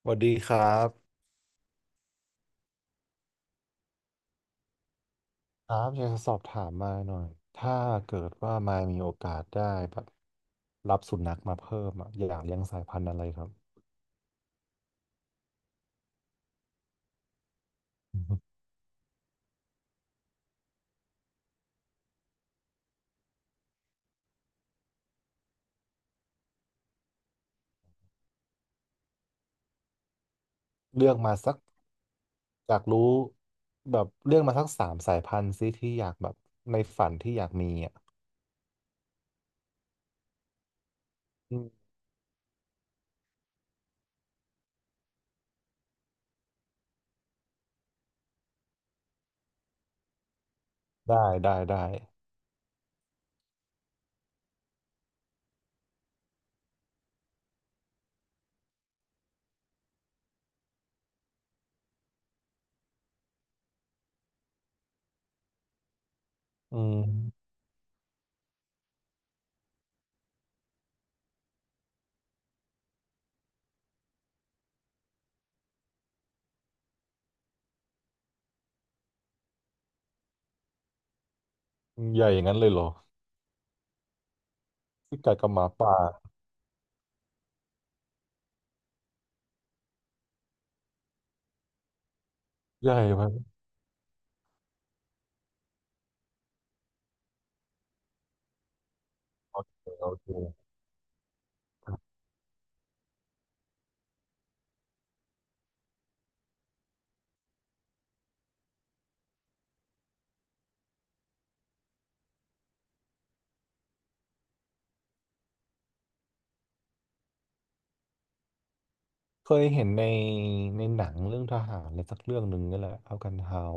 สวัสดีครับครับอยากจะสอบถามมายหน่อยถ้าเกิดว่ามายมีโอกาสได้แบบรับสุนัขมาเพิ่มอะอยากเลี้ยงสายพันธุ์อะไรครับเลือกมาสักอยากรู้แบบเลือกมาสักสามสายพันธุ์ซิที่อยากแบบในฝันที่อยากมีอ่ะอืมได้ได้อืมใหญ่อย่างนั้นเลยเหรอที่ไก่กับหมาป่าใหญ่ไหมโอเคโอเค เคยเห็นในหนังเรื่องทหารอะไรสักเรื่องหนึ่งนี่แหละเอากันฮาว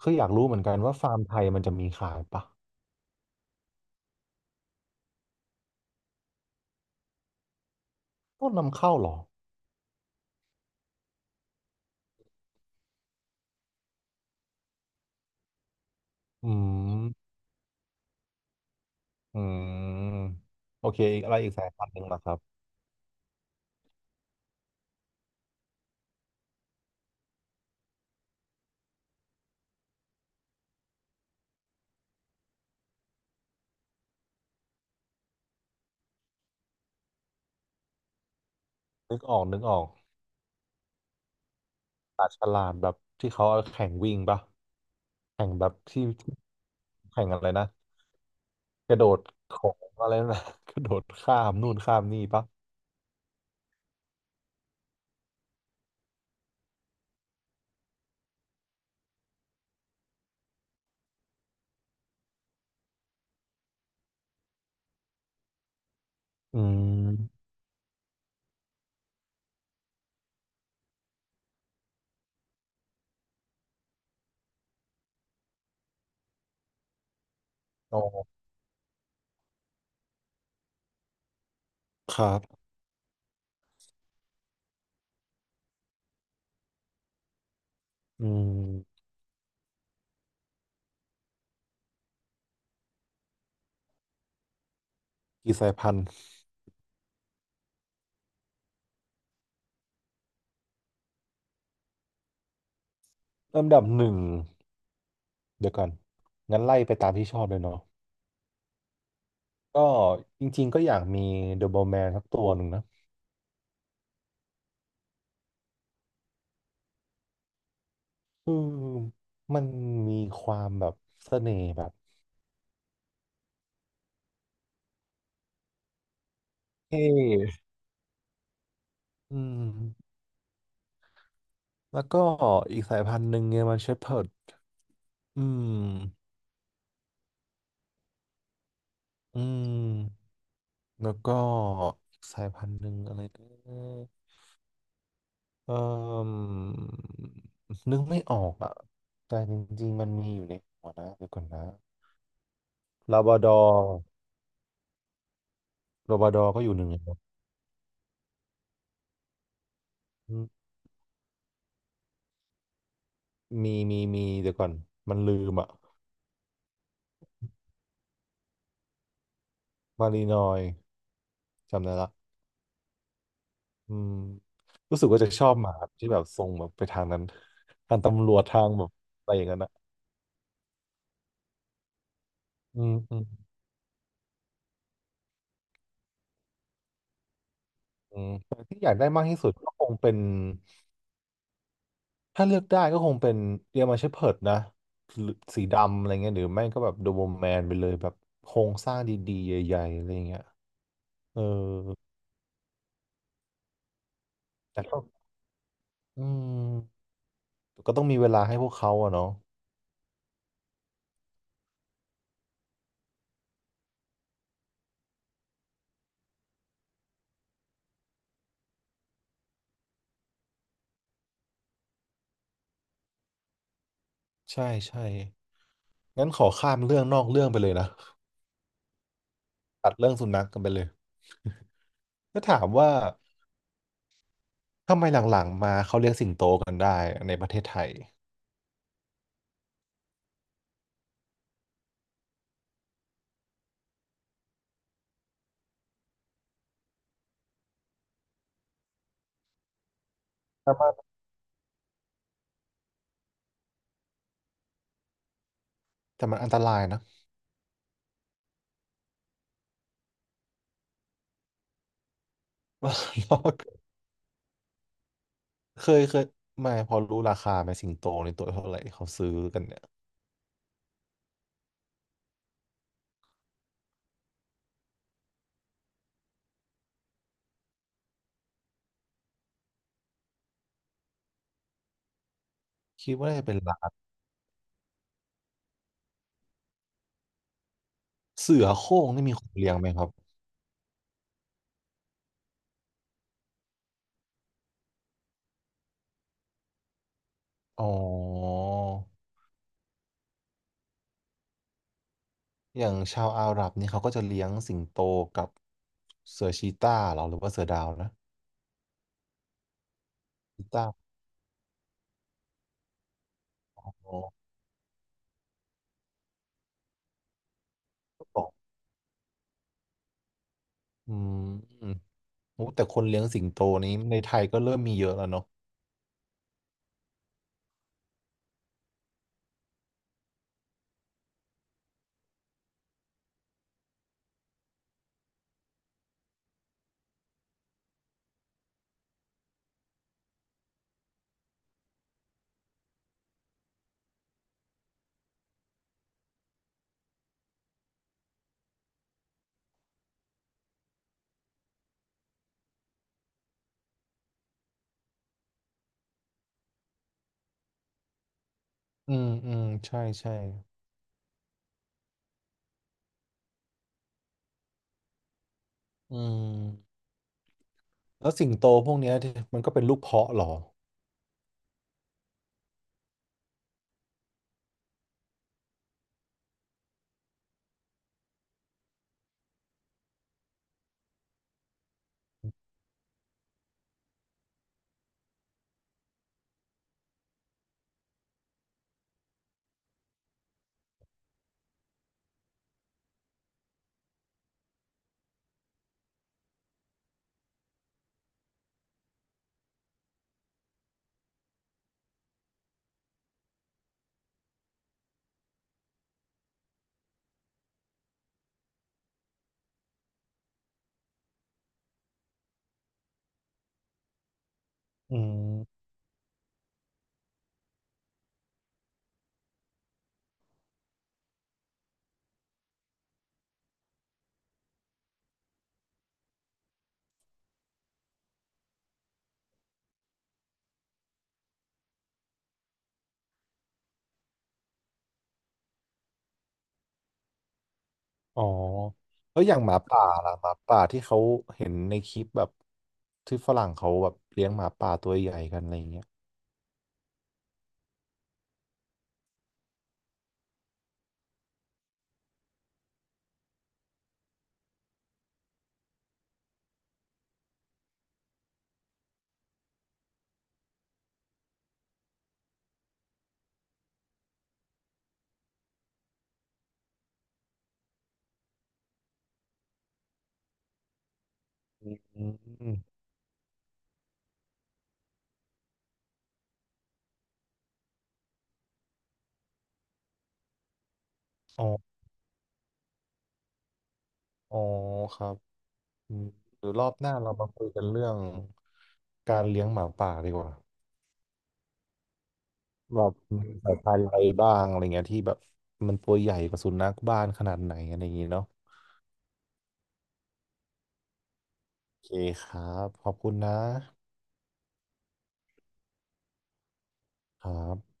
คืออยากรู้เหมือนกันว่าฟาร์มไทยมันจะมีขายปะต้องนำเข้าเหรออืมอืมโอเคอีกอะไรอีกสายพันธุ์หนึ่งเหรอครับนึกออกปลาฉลามแบบที่เขาเอาแข่งวิ่งปะแข่งแบบที่แข่งอะไรนะกระโดดของอะไรนะ กระโดดข้ามนู่นข้ามนี่ปะอืมอ๋อครับอืมกี่สายพันธุ์ลำดับหนึ่ง เดี๋ยวก่อนงั้นไล่ไปตามที่ชอบเลยเนาะก็จริงๆก็อยากมีเดอะโบวแมนสักตัวหนึ่งนะคือมันมีความแบบเสน่ห์แบบเท่อืมแล้วก็อีกสายพันธุ์หนึ่งเนี่ยมันเชพเพิร์ดอืมอืมแล้วก็อีกสายพันธุ์หนึ่งอะไรนะเอ่มนึกไม่ออกอ่ะแต่จริงๆมันมีอยู่ในหัวนะเดี๋ยวก่อนนะลาบราดอร์ลาบราดอร์ก็อยู่หนึ่งในนั้น มีเดี๋ยวก่อนมันลืมอะมารีนอยจำได้ละอืมรู้สึกว่าจะชอบหมาที่แบบทรงแบบไปทางนั้น ทางตำรวจทางแบบอะไรอย่างนั้นอะอืมอืมอืมแต่ที่อยากได้มากที่สุดก็คงเป็นถ้าเลือกได้ก็คงเป็นเดอรมาเชพเพิร์ดนะหรือสีดำอะไรเงี้ยหรือไม่ก็แบบโดเบอะ o ว m แมนไปเลยแบบโครงสร้างดีๆใหญ่ๆอะไรเงี้ยเออแต่ก็อืมก็ต้องมีเวลาให้พวกเขาอะเนาะใช่ใช่งั้นขอข้ามเรื่องนอกเรื่องไปเลยนะ ตัดเรื่องสุนัขกันไปเลยก็ถามว่าทำไมหลังๆมาเขาเลี้ยงสิงโตกันได้ในประเทศไทยแต่มันแต่มันอันตรายนะ เคยไม่พอรู้ราคาไหมสิงโตในตัวเท่าไหร่เขาซื้อกันเนี่ยคิดว่าน่าจะเป็นล้านเสือโคร่งนี่มีคนเลี้ยงไหมครับอ๋ออย่างชาวอาหรับนี่เขาก็จะเลี้ยงสิงโตกับเสือชีตาเหรอหรือว่าเสือดาวนะชีตาอ๋อก็บอกอืมโอ้แต่คนเลี้ยงสิงโตนี้ในไทยก็เริ่มมีเยอะแล้วเนาะ อืมอืมใช่ใช่อืมแล้วสิงโตพวกเนี้ยที่มันก็เป็นลูกเพาะเหรออืมอ๋อแล้วอย่างหมาป่าล่ะหมาป่าที่เขาเห็นในคลิปแบบที่ฝรั่งเขาแบบเลี้ยงหมาป่าตัวใหญ่กันอะไรอย่างเงี้ยอืมอ๋ออ๋อครับอืมหรือรอบหน้าเรามาคุยกันเรื่องการเลี้ยงหมาป่าดีกว่าแบบมีสายพันธุ์อะไรบ้างอะไรเงี้ยที่แบบมันตัวใหญ่กว่าสุนัขบ้านขนาดไหนอะไรอย่างงี้เนาะโอเคครับขอบคุณนะ ครับ